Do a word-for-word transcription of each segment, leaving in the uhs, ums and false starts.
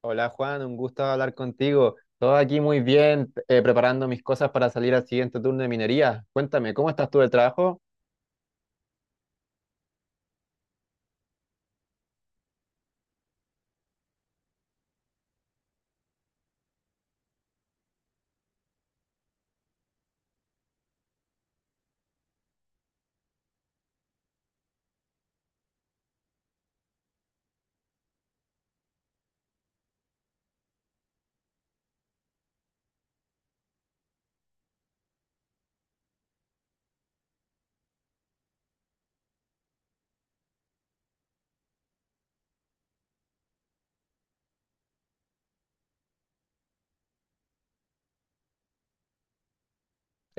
Hola Juan, un gusto hablar contigo. Todo aquí muy bien, eh, preparando mis cosas para salir al siguiente turno de minería. Cuéntame, ¿cómo estás tú del trabajo?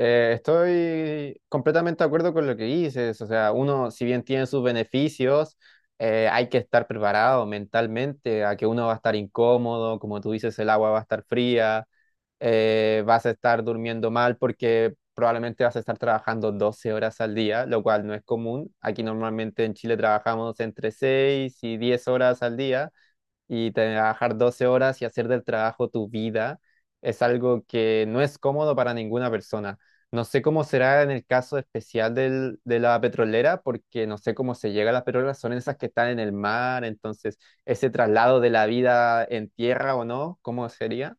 Eh, estoy completamente de acuerdo con lo que dices. O sea, uno, si bien tiene sus beneficios, eh, hay que estar preparado mentalmente a que uno va a estar incómodo, como tú dices, el agua va a estar fría, eh, vas a estar durmiendo mal porque probablemente vas a estar trabajando doce horas al día, lo cual no es común. Aquí normalmente en Chile trabajamos entre seis y diez horas al día, y trabajar doce horas y hacer del trabajo tu vida es algo que no es cómodo para ninguna persona. No sé cómo será en el caso especial del- de la petrolera, porque no sé cómo se llega a las petroleras, son esas que están en el mar. Entonces ese traslado de la vida en tierra o no, ¿cómo sería?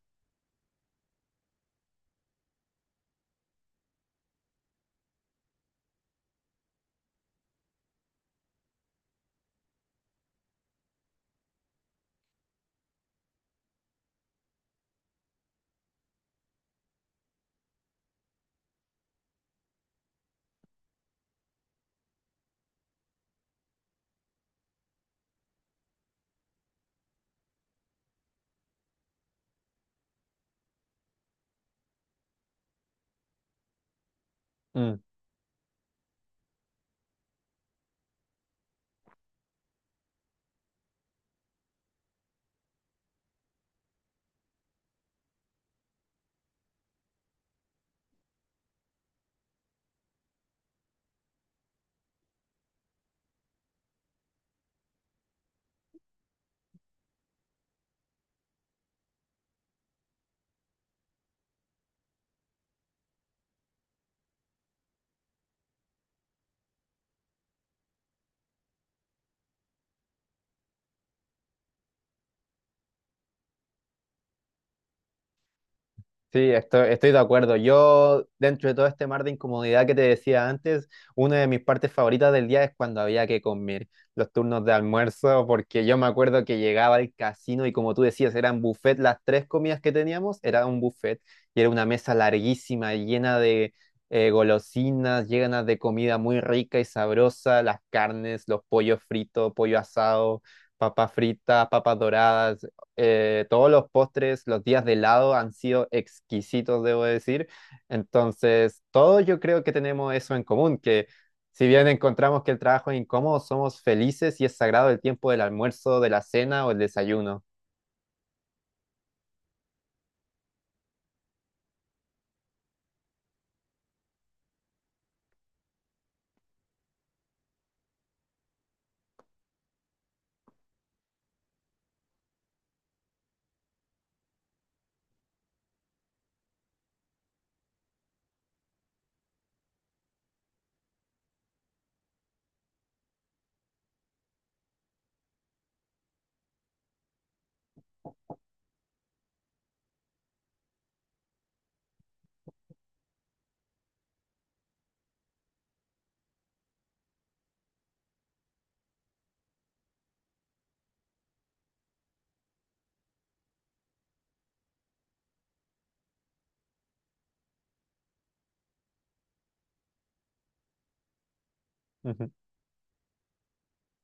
Sí, estoy, estoy de acuerdo. Yo, dentro de todo este mar de incomodidad que te decía antes, una de mis partes favoritas del día es cuando había que comer los turnos de almuerzo, porque yo me acuerdo que llegaba al casino y como tú decías, eran buffet, las tres comidas que teníamos, era un buffet y era una mesa larguísima, llena de eh, golosinas, llena de comida muy rica y sabrosa, las carnes, los pollos fritos, pollo asado, papas fritas, papas doradas, eh, todos los postres, los días de helado han sido exquisitos, debo decir. Entonces, todos yo creo que tenemos eso en común, que si bien encontramos que el trabajo es incómodo, somos felices y es sagrado el tiempo del almuerzo, de la cena o el desayuno.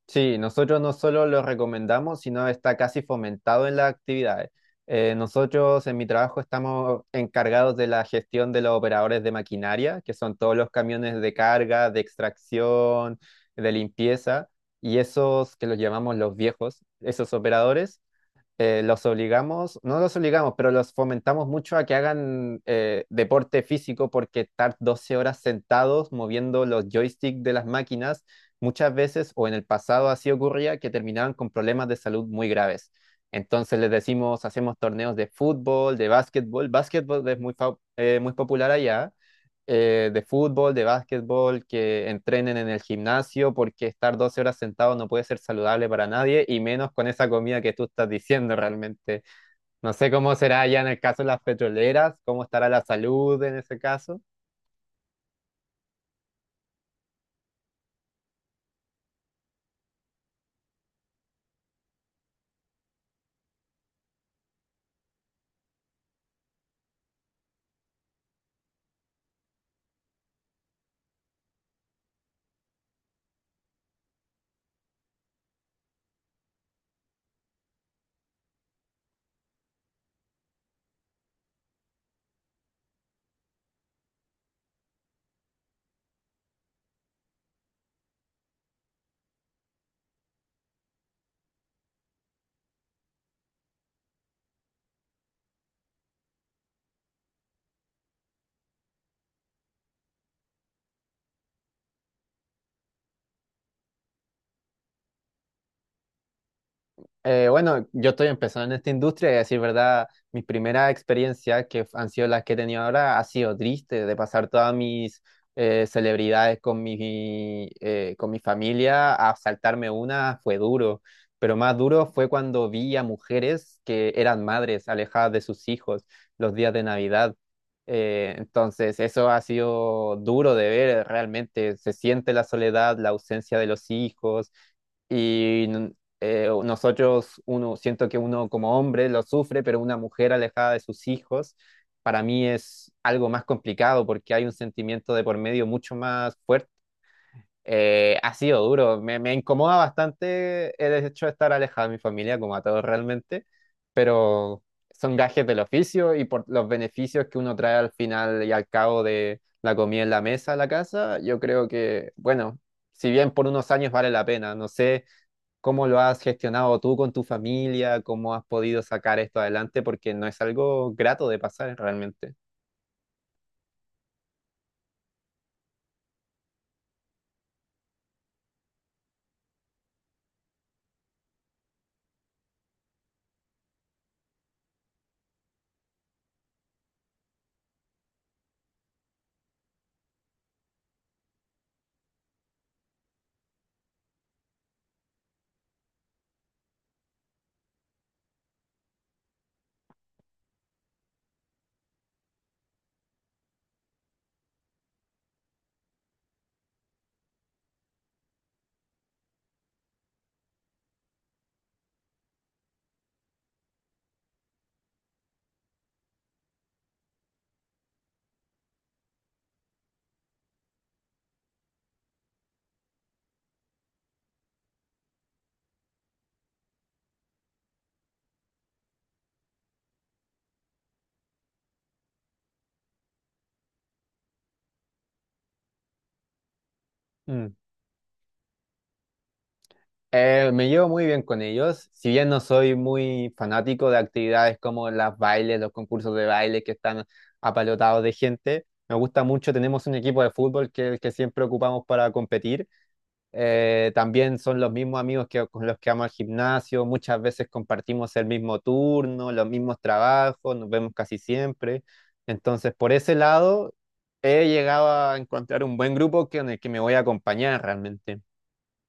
Sí, nosotros no solo lo recomendamos, sino está casi fomentado en las actividades. Eh, nosotros en mi trabajo estamos encargados de la gestión de los operadores de maquinaria, que son todos los camiones de carga, de extracción, de limpieza, y esos que los llamamos los viejos, esos operadores, eh, los obligamos, no los obligamos, pero los fomentamos mucho a que hagan eh, deporte físico, porque estar doce horas sentados moviendo los joysticks de las máquinas, muchas veces o en el pasado así ocurría, que terminaban con problemas de salud muy graves. Entonces les decimos, hacemos torneos de fútbol, de básquetbol. Básquetbol es muy, fa- eh, muy popular allá, eh, de fútbol, de básquetbol, que entrenen en el gimnasio, porque estar doce horas sentado no puede ser saludable para nadie, y menos con esa comida que tú estás diciendo realmente. No sé cómo será ya en el caso de las petroleras, cómo estará la salud en ese caso. Eh, bueno, yo estoy empezando en esta industria y a decir verdad, mis primeras experiencias que han sido las que he tenido ahora ha sido triste. De pasar todas mis eh, celebridades con mi, eh, con mi familia a saltarme una fue duro, pero más duro fue cuando vi a mujeres que eran madres alejadas de sus hijos los días de Navidad. Eh, entonces, eso ha sido duro de ver, realmente se siente la soledad, la ausencia de los hijos. Y n- eh, Nosotros, uno, siento que uno como hombre lo sufre, pero una mujer alejada de sus hijos, para mí es algo más complicado porque hay un sentimiento de por medio mucho más fuerte. Eh, ha sido duro, me, me incomoda bastante el hecho de estar alejado de mi familia, como a todos realmente, pero son gajes del oficio, y por los beneficios que uno trae al final y al cabo de la comida en la mesa, a la casa, yo creo que, bueno, si bien por unos años vale la pena, no sé. ¿Cómo lo has gestionado tú con tu familia? ¿Cómo has podido sacar esto adelante? Porque no es algo grato de pasar realmente. Mm. Eh, me llevo muy bien con ellos, si bien no soy muy fanático de actividades como las bailes, los concursos de baile que están apalotados de gente. Me gusta mucho, tenemos un equipo de fútbol que es el que siempre ocupamos para competir. Eh, también son los mismos amigos que, con los que vamos al gimnasio, muchas veces compartimos el mismo turno, los mismos trabajos, nos vemos casi siempre. Entonces, por ese lado, he llegado a encontrar un buen grupo que, en el que me voy a acompañar realmente.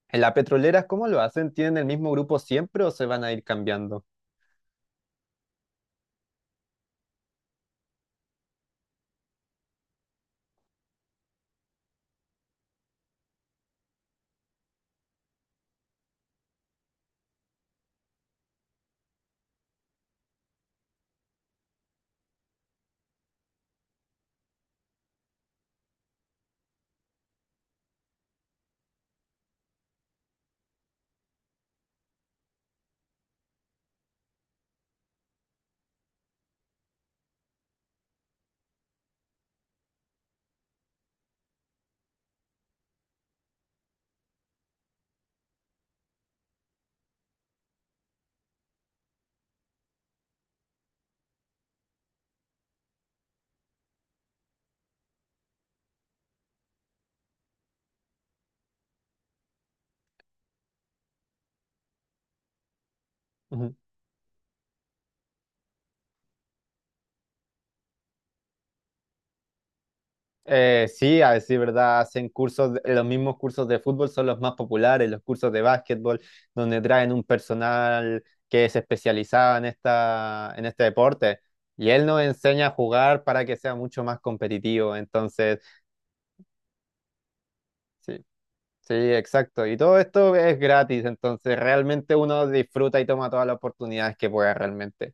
¿En la petrolera cómo lo hacen? ¿Tienen el mismo grupo siempre o se van a ir cambiando? Eh, sí, a decir verdad, hacen cursos, de- los mismos cursos de fútbol son los más populares, los cursos de básquetbol, donde traen un personal que es especializado en esta, en este deporte, y él nos enseña a jugar para que sea mucho más competitivo. Entonces, sí, sí, exacto, y todo esto es gratis, entonces realmente uno disfruta y toma todas las oportunidades que pueda realmente.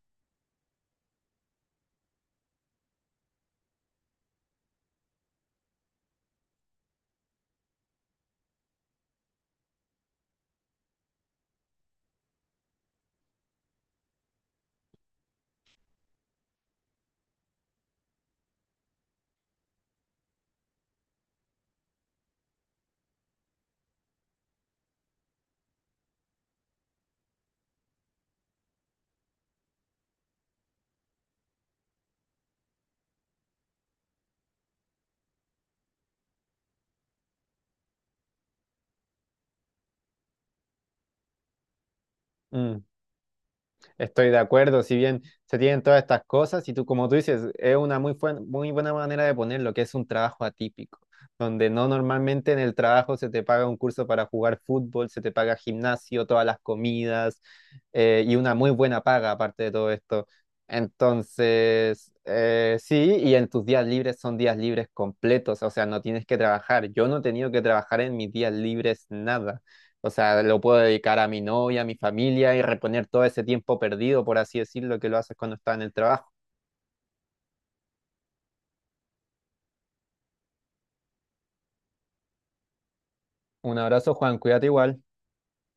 Mm. Estoy de acuerdo, si bien se tienen todas estas cosas, y tú, como tú dices, es una muy, buen- muy buena manera de ponerlo, que es un trabajo atípico, donde no normalmente en el trabajo se te paga un curso para jugar fútbol, se te paga gimnasio, todas las comidas, eh, y una muy buena paga aparte de todo esto. Entonces, eh, sí, y en tus días libres son días libres completos, o sea, no tienes que trabajar. Yo no he tenido que trabajar en mis días libres nada. O sea, lo puedo dedicar a mi novia, a mi familia y reponer todo ese tiempo perdido, por así decirlo, que lo haces cuando estás en el trabajo. Un abrazo, Juan, cuídate igual.